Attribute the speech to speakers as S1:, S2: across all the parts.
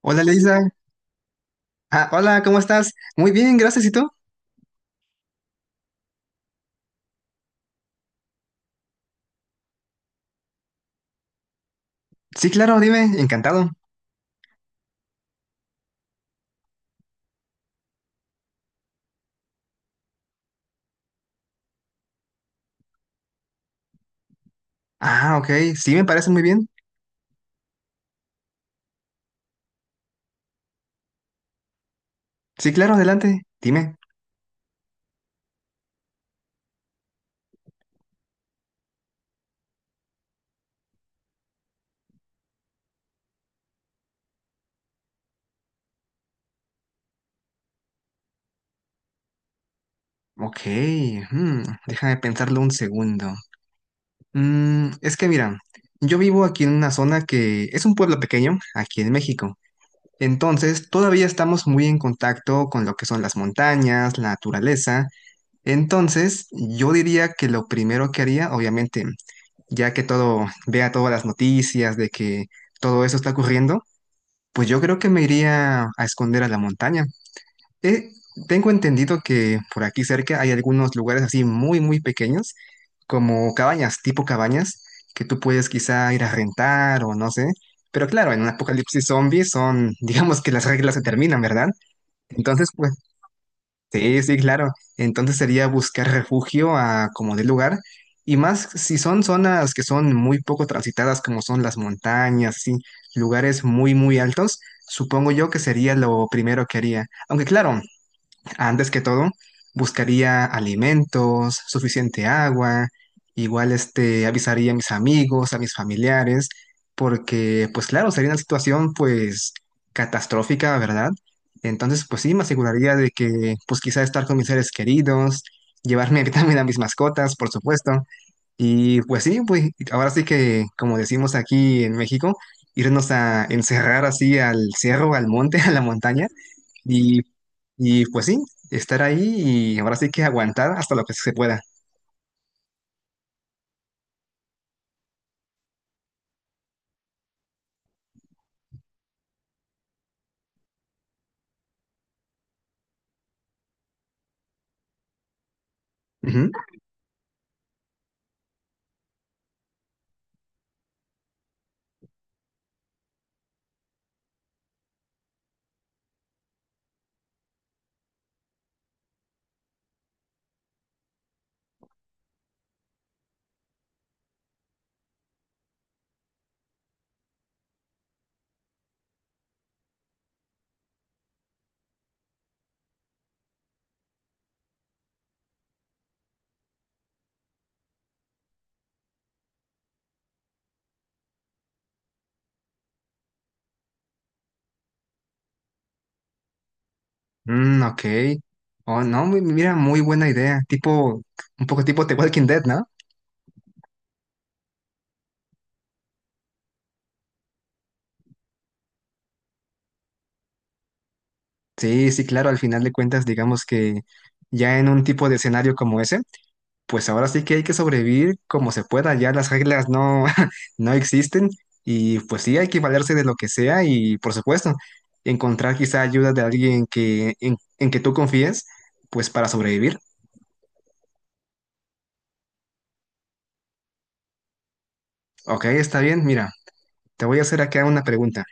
S1: Hola, Leisa. Hola, ¿cómo estás? Muy bien, gracias. ¿Y tú? Sí, claro, dime. Encantado. Ok, sí, me parece muy bien. Sí, claro, adelante. Dime. Ok. Déjame pensarlo un segundo. Es que mira, yo vivo aquí en una zona que es un pueblo pequeño, aquí en México. Entonces, todavía estamos muy en contacto con lo que son las montañas, la naturaleza. Entonces, yo diría que lo primero que haría, obviamente, ya que todo, vea todas las noticias de que todo eso está ocurriendo, pues yo creo que me iría a esconder a la montaña. Eh, Tengo entendido que por aquí cerca hay algunos lugares así muy, muy pequeños, como cabañas, tipo cabañas, que tú puedes quizá ir a rentar o no sé. Pero claro, en un apocalipsis zombie son, digamos que las reglas se terminan, ¿verdad? Entonces, pues sí, sí, claro. Entonces sería buscar refugio a como de lugar. Y más si son zonas que son muy poco transitadas, como son las montañas, sí, lugares muy, muy altos, supongo yo que sería lo primero que haría. Aunque claro, antes que todo, buscaría alimentos, suficiente agua, igual este, avisaría a mis amigos, a mis familiares, porque pues claro, sería una situación pues catastrófica, ¿verdad? Entonces pues sí, me aseguraría de que pues quizá estar con mis seres queridos, llevarme también a mis mascotas, por supuesto, y pues sí, pues ahora sí que como decimos aquí en México, irnos a encerrar así al cerro, al monte, a la montaña y, y pues sí, estar ahí y ahora sí que aguantar hasta lo que se pueda. Ujú. Ok. Oh, no, mira, muy buena idea. Tipo, un poco tipo The Walking Dead, ¿no? Sí, sí, claro, al final de cuentas, digamos que ya en un tipo de escenario como ese, pues ahora sí que hay que sobrevivir como se pueda, ya las reglas no, no existen y pues sí hay que valerse de lo que sea y por supuesto, encontrar quizá ayuda de alguien que, en que tú confíes, pues para sobrevivir. Ok, está bien. Mira, te voy a hacer acá una pregunta.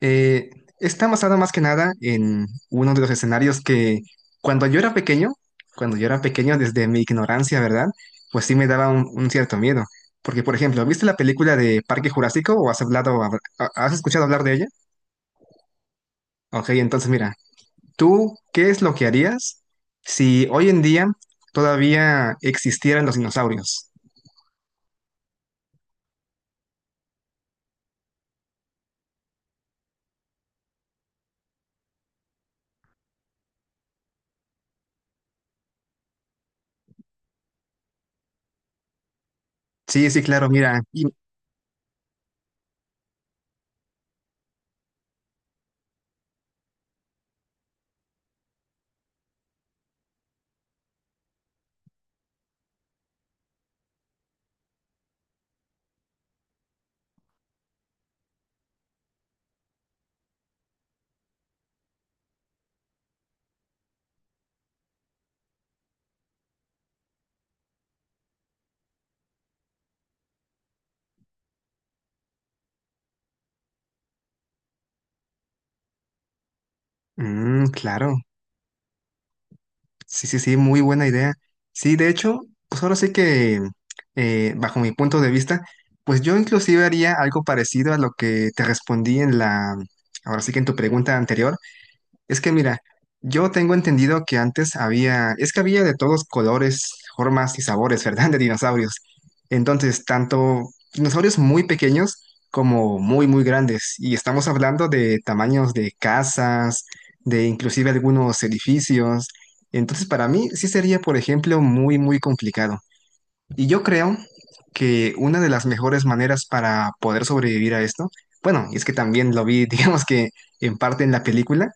S1: Eh, Está basada más que nada en uno de los escenarios que cuando yo era pequeño, cuando yo era pequeño desde mi ignorancia, ¿verdad? Pues sí me daba un cierto miedo. Porque, por ejemplo, ¿viste la película de Parque Jurásico o has hablado, has escuchado hablar de ella? Ok, entonces mira, ¿tú qué es lo que harías si hoy en día todavía existieran los dinosaurios? Sí, sí, claro, mira. Claro. Sí, sí, sí, muy buena idea. Sí, de hecho, pues ahora sí que, bajo mi punto de vista, pues yo inclusive haría algo parecido a lo que te respondí en la, ahora sí que en tu pregunta anterior, es que mira, yo tengo entendido que antes había, es que había de todos colores, formas y sabores, ¿verdad? De dinosaurios. Entonces, tanto dinosaurios muy pequeños como muy, muy grandes. Y estamos hablando de tamaños de casas, de inclusive algunos edificios. Entonces, para mí sí sería, por ejemplo, muy, muy complicado. Y yo creo que una de las mejores maneras para poder sobrevivir a esto, bueno, y es que también lo vi, digamos que en parte en la película.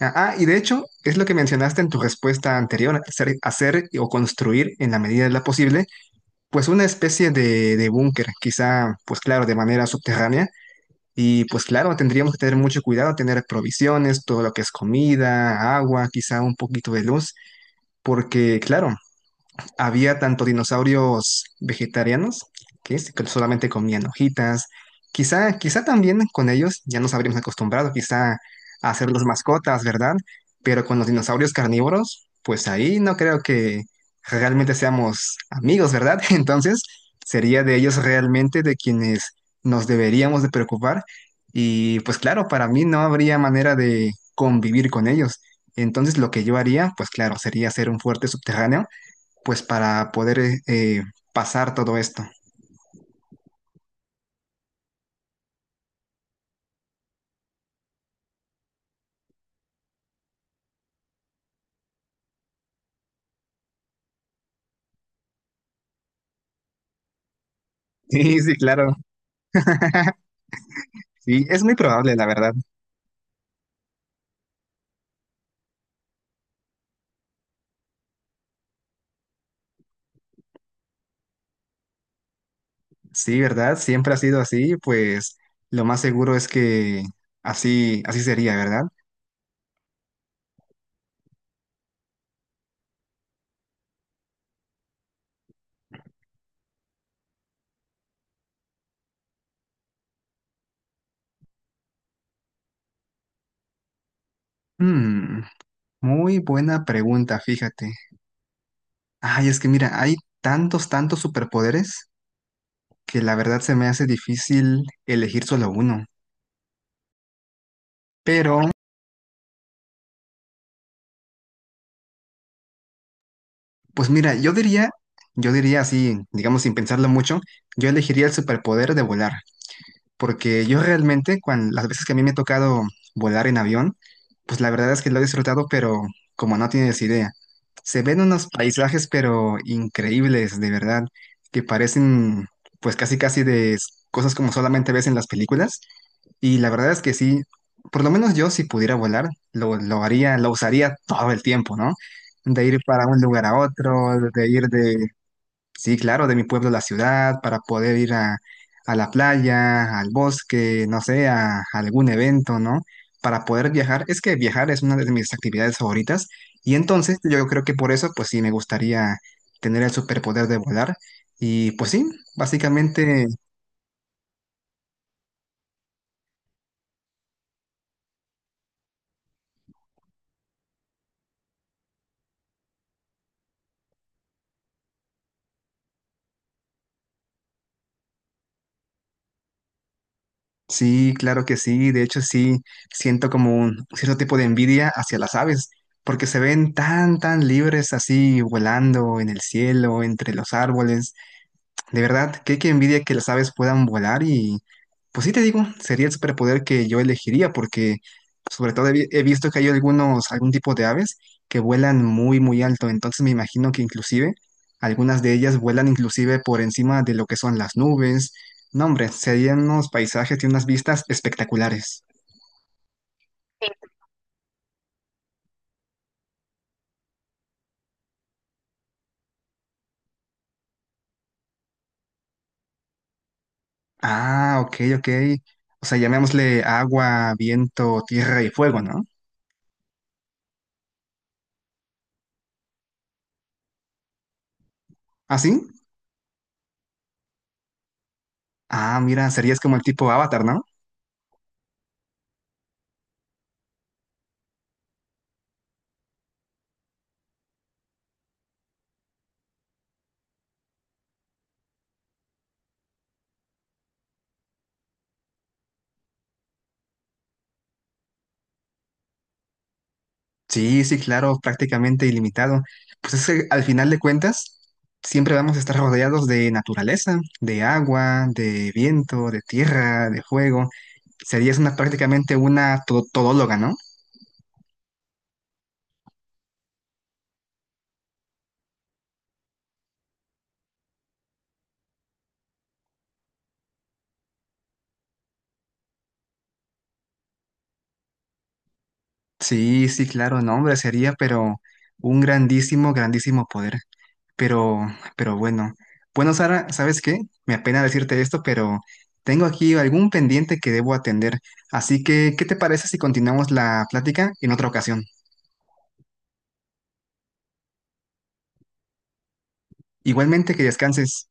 S1: Y de hecho, es lo que mencionaste en tu respuesta anterior, hacer, hacer o construir en la medida de lo posible, pues una especie de búnker, quizá, pues claro, de manera subterránea. Y pues claro, tendríamos que tener mucho cuidado, tener provisiones, todo lo que es comida, agua, quizá un poquito de luz, porque claro, había tanto dinosaurios vegetarianos, que solamente comían hojitas, quizá, quizá también con ellos ya nos habríamos acostumbrado quizá a hacerlos mascotas, ¿verdad? Pero con los dinosaurios carnívoros, pues ahí no creo que realmente seamos amigos, ¿verdad? Entonces, sería de ellos realmente de quienes nos deberíamos de preocupar. Y pues claro, para mí no habría manera de convivir con ellos. Entonces lo que yo haría, pues claro, sería hacer un fuerte subterráneo pues para poder pasar todo esto. Sí, sí, claro. Sí, es muy probable, la verdad. Sí, ¿verdad? Siempre ha sido así, pues lo más seguro es que así, así sería, ¿verdad? Mm, Muy buena pregunta, fíjate. Ay, es que mira, hay tantos, tantos superpoderes que la verdad se me hace difícil elegir solo uno. Pero, pues mira, yo diría así, digamos sin pensarlo mucho, yo elegiría el superpoder de volar. Porque yo realmente, cuando, las veces que a mí me ha tocado volar en avión, pues la verdad es que lo he disfrutado, pero como no tienes idea. Se ven unos paisajes, pero increíbles, de verdad, que parecen pues casi casi de cosas como solamente ves en las películas. Y la verdad es que sí, por lo menos yo si pudiera volar, lo haría, lo usaría todo el tiempo, ¿no? De ir para un lugar a otro, de ir de sí, claro, de mi pueblo a la ciudad, para poder ir a la playa, al bosque, no sé, a algún evento, ¿no? Para poder viajar. Es que viajar es una de mis actividades favoritas y entonces yo creo que por eso, pues sí, me gustaría tener el superpoder de volar. Y pues sí, básicamente, sí, claro que sí. De hecho, sí, siento como un cierto tipo de envidia hacia las aves, porque se ven tan, tan libres así volando en el cielo, entre los árboles. De verdad, qué, qué envidia que las aves puedan volar y pues sí te digo, sería el superpoder que yo elegiría porque sobre todo he visto que hay algunos, algún tipo de aves que vuelan muy muy alto, entonces me imagino que inclusive algunas de ellas vuelan inclusive por encima de lo que son las nubes. No, hombre, serían unos paisajes y unas vistas espectaculares. Ok, ok. O sea, llamémosle agua, viento, tierra y fuego, ¿no? ¿Ah, sí? Ah, mira, serías como el tipo Avatar, ¿no? Sí, sí, claro, prácticamente ilimitado. Pues es que al final de cuentas, siempre vamos a estar rodeados de naturaleza, de agua, de viento, de tierra, de fuego. Serías una prácticamente todóloga, ¿no? Sí, sí, claro, no, hombre, sería, pero un grandísimo, grandísimo poder. Pero, pero bueno. Bueno, Sara, ¿sabes qué? Me apena decirte esto, pero tengo aquí algún pendiente que debo atender. Así que, ¿qué te parece si continuamos la plática en otra ocasión? Igualmente, que descanses.